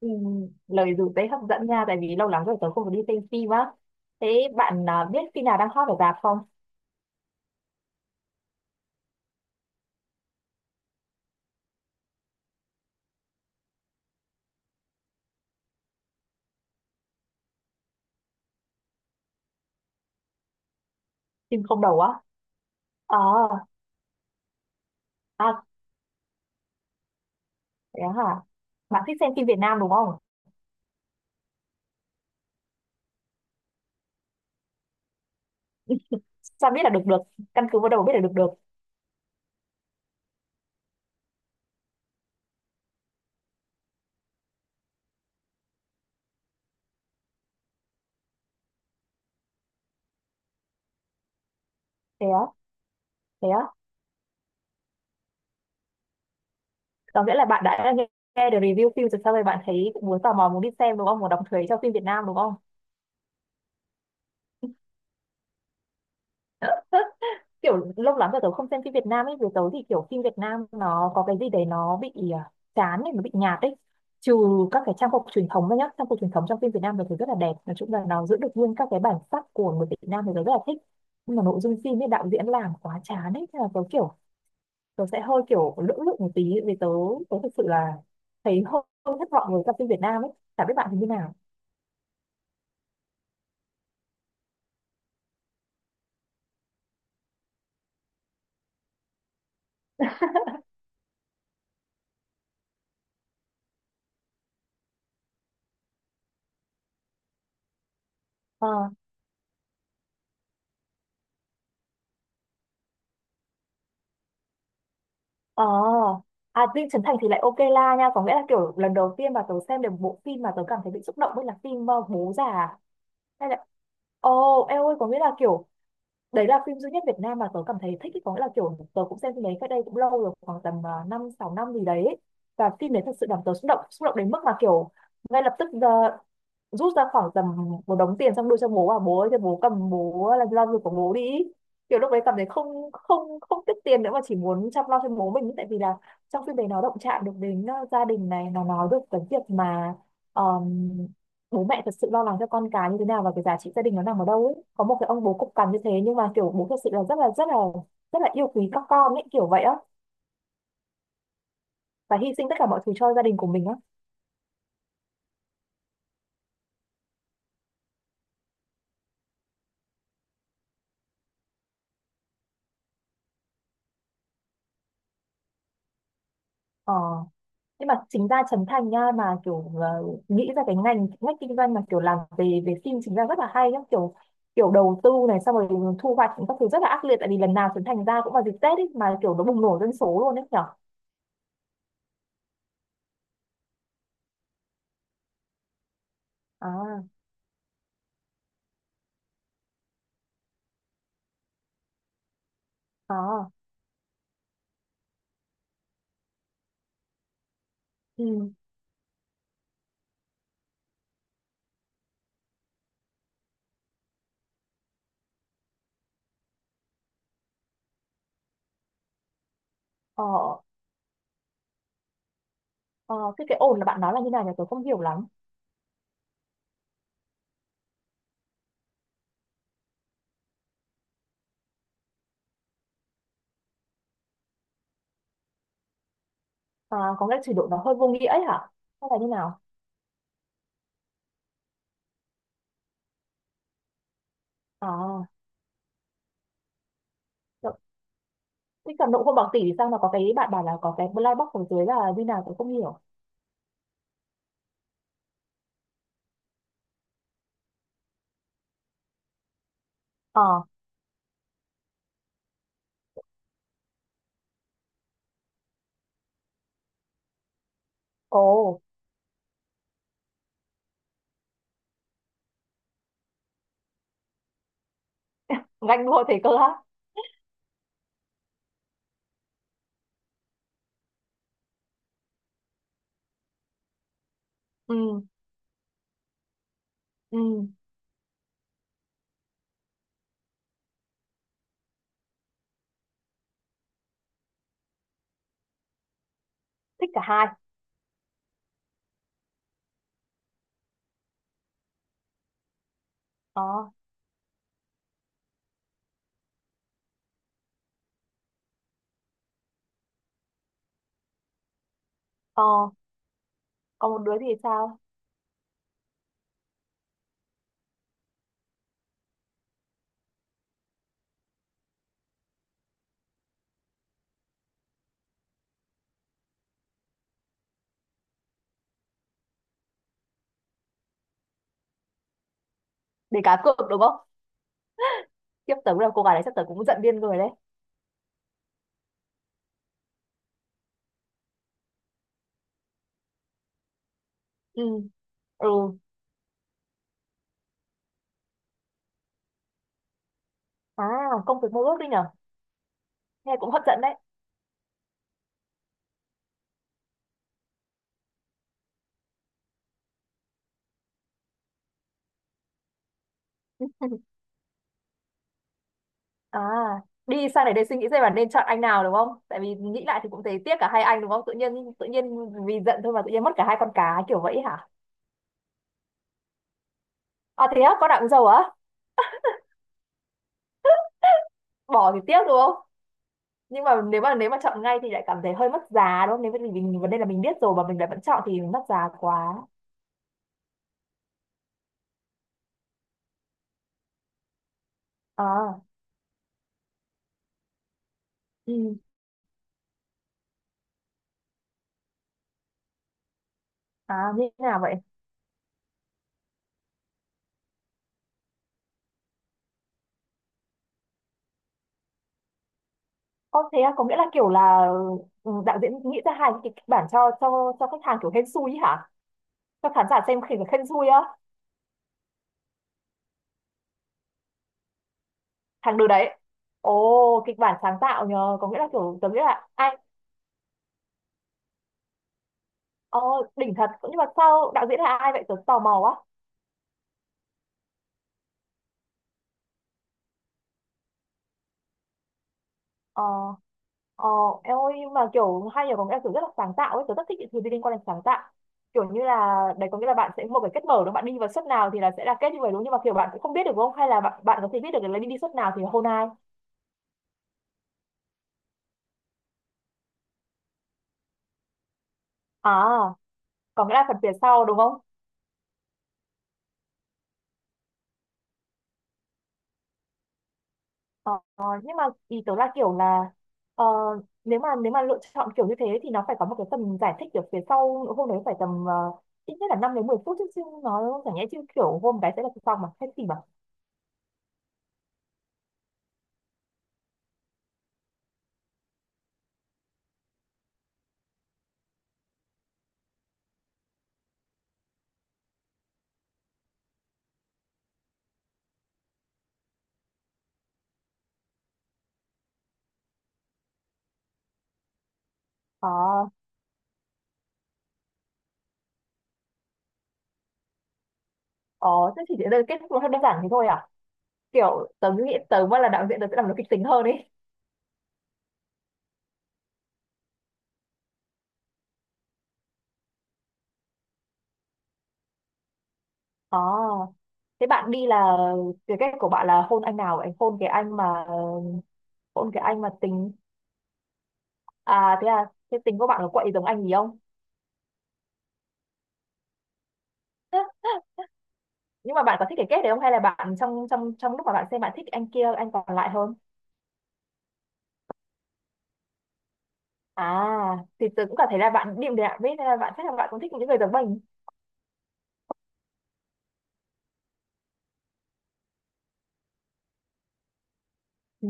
Ừ, lời dù tế hấp dẫn nha tại vì lâu lắm rồi tớ không có đi xem phim á. Thế bạn, biết phim nào đang hot ở rạp không? Phim không đầu á? Ờ. À, thế hả? Bạn thích xem phim Việt Nam đúng không? Sao biết là được được? Căn cứ vào đầu biết là được được? Thế á? Thế á? Có nghĩa là bạn đã nghe, nghe được review phim rồi sau rồi bạn thấy cũng muốn tò mò muốn đi xem đúng không, muốn đọc thuế cho phim Việt Nam đúng không? Kiểu lâu lắm rồi tớ không xem phim Việt Nam ấy, với tớ thì kiểu phim Việt Nam nó có cái gì đấy nó bị chán ấy, nó bị nhạt ấy. Trừ các cái trang phục truyền thống ra nhá, trang phục truyền thống trong phim Việt Nam thì thấy rất là đẹp, nói chung là nó giữ được nguyên các cái bản sắc của người Việt Nam thì tớ rất là thích. Nhưng mà nội dung phim ấy đạo diễn làm quá chán ấy, thế là tớ kiểu tớ sẽ hơi kiểu lưỡng lự một tí vì tớ tớ thực sự là thấy hơi hơi thất vọng với các phim Việt Nam ấy, chả biết bạn thì như nào. Ờ, à, Dinh Chấn Thành thì lại ok la nha, có nghĩa là kiểu lần đầu tiên mà tớ xem được bộ phim mà tớ cảm thấy bị xúc động với là phim Bố Già. Hay là, ồ, em ơi, có nghĩa là kiểu đấy là phim duy nhất Việt Nam mà tớ cảm thấy thích ý, có nghĩa là kiểu tớ cũng xem phim đấy cách đây cũng lâu rồi khoảng tầm 5 6 năm gì đấy ấy. Và phim đấy thật sự làm tớ xúc động, xúc động đến mức mà kiểu ngay lập tức rút ra khoảng tầm một đống tiền xong đưa cho bố và bố ơi cho bố cầm, bố làm lo việc của bố đi. Kiểu lúc đấy cảm thấy không, không, không tiếc tiền nữa mà chỉ muốn chăm lo cho bố mình ấy. Tại vì là trong phim đấy nó động chạm được đến gia đình này, nó nói được cái việc mà bố mẹ thật sự lo lắng cho con cái như thế nào và cái giá trị gia đình nó nằm ở đâu ấy, có một cái ông bố cục cằn như thế nhưng mà kiểu bố thật sự là rất là rất là rất là yêu quý các con ấy kiểu vậy á, và hy sinh tất cả mọi thứ cho gia đình của mình á. Ờ, nhưng mà chính ra Trấn Thành nha, mà kiểu nghĩ ra cái ngành ngách kinh doanh mà kiểu làm về về phim chính ra rất là hay nhá, kiểu kiểu đầu tư này xong rồi thu hoạch các thứ rất là ác liệt, tại vì lần nào Trấn Thành ra cũng vào dịp Tết ấy mà kiểu nó bùng nổ dân số luôn ấy nhở. À. À. Ừ. Ờ. Ờ, thế cái ồn là bạn nói là như nào nhỉ, tôi không hiểu lắm. À, có cái trình độ nó hơi vô nghĩa ấy hả? Hay là như nào? À, đậu- thế cầm đậu không bằng tỷ thì sao mà có cái bạn bảo là có cái black box ở dưới là như nào tôi không hiểu. Ờ. Ồ. Nhanh luôn thế cơ á. Ừ. Ừ. Thích cả hai. Ờ. Ờ. Còn một đứa thì sao? Để cá cược đúng không? Tiếp tới là cô gái đấy chắc tới cũng giận điên người đấy. Ừ. Ừ. À, công việc mơ ước đi nhở? Nghe cũng hấp dẫn đấy. À, đi sang này để suy nghĩ xem là nên chọn anh nào đúng không? Tại vì nghĩ lại thì cũng thấy tiếc cả hai anh đúng không? Tự nhiên vì giận thôi mà tự nhiên mất cả hai con cá kiểu vậy hả? À thế á, con nào cũng giàu á? Bỏ thì tiếc đúng không? Nhưng mà nếu mà nếu mà chọn ngay thì lại cảm thấy hơi mất giá đúng không? Nếu mà mình vấn đề là mình biết rồi mà mình lại vẫn chọn thì mất giá quá. À. Ừ. À như thế nào vậy? Có thế á, có nghĩa là kiểu là ừ, đạo diễn nghĩ ra hai cái kịch bản cho khách hàng kiểu hên xui ý hả? Cho khán giả xem khi mà hên xui thằng đứa đấy. Ồ, kịch bản sáng tạo nhờ, có nghĩa là kiểu tớ nghĩ là ai ờ, đỉnh thật. Nhưng mà sao đạo diễn là ai vậy, tớ tò mò quá. Ờ. Ờ. Em ơi, nhưng mà kiểu hay nhờ, có nghĩa là kiểu rất là sáng tạo ấy, tớ rất thích những thứ liên quan đến sáng tạo. Kiểu như là đấy có nghĩa là bạn sẽ một cái kết mở đó, bạn đi vào suất nào thì là sẽ là kết như vậy đúng, nhưng mà kiểu bạn cũng không biết được đúng không, hay là bạn có thể biết được là đi đi suất nào thì hôn ai. À, có nghĩa là phần phía sau đúng không? Ờ, nhưng mà ý tớ là kiểu là ờ, nếu mà lựa chọn kiểu như thế thì nó phải có một cái tầm giải thích ở phía sau hôm đấy phải tầm ít nhất là 5 đến 10 phút chứ, chứ nó chẳng nhẽ chứ kiểu hôm cái sẽ là xong mà hay gì mà. Ờ. Ờ, thế chỉ đơn kết thúc nó đơn giản thế thôi à? Kiểu tớ nghĩ tớ mà là đạo diễn tớ sẽ làm nó kịch tính hơn ấy. Ờ, thế bạn đi là cái cách của bạn là hôn anh nào vậy, hôn cái anh mà hôn cái anh mà tính. À thế à, thế tính của bạn có quậy giống anh gì không? Nhưng mà bạn có thích cái kết đấy không, hay là bạn trong trong trong lúc mà bạn xem bạn thích anh kia, anh còn lại hơn? À, thì tớ cũng cảm thấy là bạn điềm đạm ấy, nên là bạn chắc là bạn cũng thích những người giống mình. Ừ.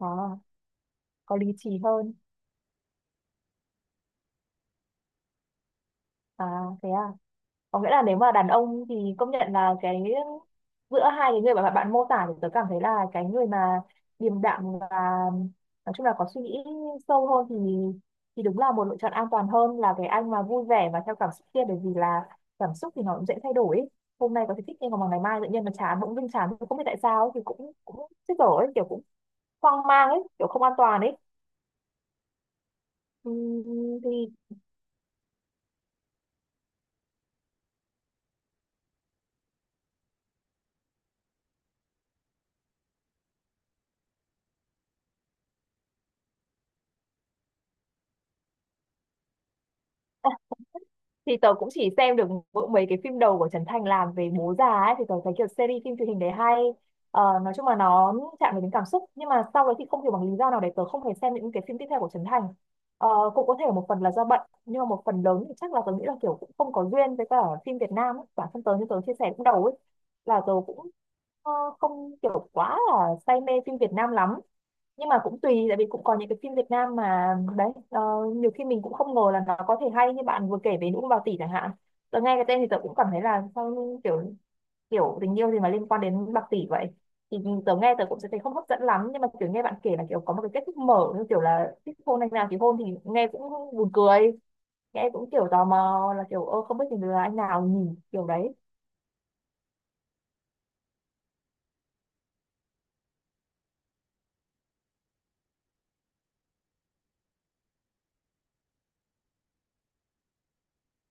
À, có lý trí hơn. À thế à, có nghĩa là nếu mà đàn ông thì công nhận là cái giữa hai cái người mà bạn mô tả thì tớ cảm thấy là cái người mà điềm đạm và nói chung là có suy nghĩ sâu hơn thì đúng là một lựa chọn an toàn hơn là cái anh mà vui vẻ và theo cảm xúc kia, bởi vì là cảm xúc thì nó cũng dễ thay đổi ấy. Hôm nay có thể thích nhưng mà ngày mai tự nhiên nó chán, bỗng dưng chán không biết tại sao ấy, thì cũng cũng chết dở ấy, kiểu cũng hoang mang ấy kiểu không an toàn ấy. Ừm. thì thì tớ cũng chỉ xem được mỗi mấy cái phim đầu của Trấn Thành làm về bố già ấy thì tớ thấy kiểu series phim truyền hình đấy hay. Ờ, nói chung là nó chạm đến cảm xúc, nhưng mà sau đấy thì không hiểu bằng lý do nào để tớ không thể xem những cái phim tiếp theo của Trấn Thành. Ờ, cũng có thể là một phần là do bận nhưng mà một phần lớn thì chắc là tớ nghĩ là kiểu cũng không có duyên với cả phim Việt Nam ấy. Bản thân tớ như tớ chia sẻ lúc đầu ấy là tớ cũng ờ, không kiểu quá là say mê phim Việt Nam lắm. Nhưng mà cũng tùy, tại vì cũng có những cái phim Việt Nam mà đấy nhiều khi mình cũng không ngờ là nó có thể hay như bạn vừa kể về Nữ Ông Bào Tỷ chẳng hạn. Tớ nghe cái tên thì tớ cũng cảm thấy là sao, như kiểu kiểu tình yêu gì mà liên quan đến bạc tỷ vậy, thì tớ nghe tớ cũng sẽ thấy không hấp dẫn lắm, nhưng mà kiểu nghe bạn kể là kiểu có một cái kết thúc mở như kiểu là thích hôn anh nào thì hôn thì nghe cũng buồn cười. Nghe cũng kiểu tò mò là kiểu, ơ không biết thì là anh nào nhỉ, kiểu đấy.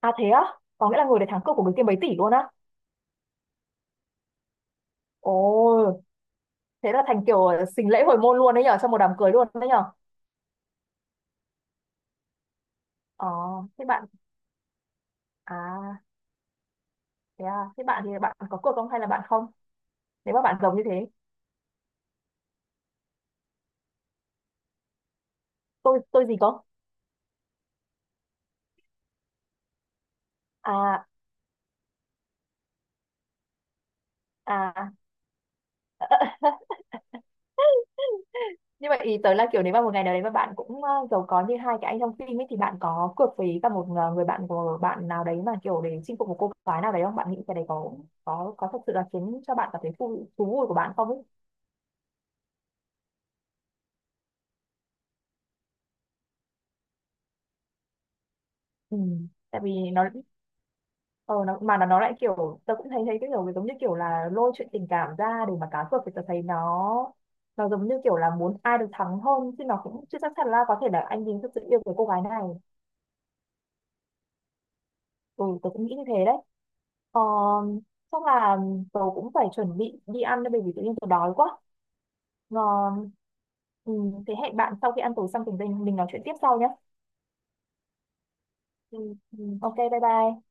À thế á, có nghĩa là người để thắng cuộc của người kia mấy tỷ luôn á? Ồ, thế là thành kiểu xính lễ hồi môn luôn đấy nhở, trong một đám cưới luôn đấy nhở. Ờ, thế bạn, à thế à, thế bạn thì bạn có cuộc không hay là bạn không, nếu mà bạn giống như thế? Tôi gì có. À. À. Như vậy ý tới là kiểu nếu mà một ngày nào đấy mà bạn cũng giàu có như hai cái anh trong phim ấy thì bạn có cược với cả một người bạn của bạn nào đấy mà kiểu để chinh phục một cô gái nào đấy không, bạn nghĩ cái đấy có thật sự là khiến cho bạn cảm thấy thú thú vui của bạn không ấy? Ừ. Tại vì nó ờ nó, mà nó lại kiểu tớ cũng thấy thấy cái kiểu giống như kiểu là lôi chuyện tình cảm ra để mà cá cược thì tớ thấy nó giống như kiểu là muốn ai được thắng hơn, chứ nó cũng chưa chắc chắn là có thể là anh Bình thực sự yêu cái cô gái này. Ừ, tớ cũng nghĩ như thế đấy. Ờ, chắc là tớ cũng phải chuẩn bị đi ăn đây bởi vì tự nhiên tớ đói quá. Ngon. Ừ, thế hẹn bạn sau khi ăn tối xong thì mình nói chuyện tiếp sau nhé. Ừ. Ừ. Ok, bye bye.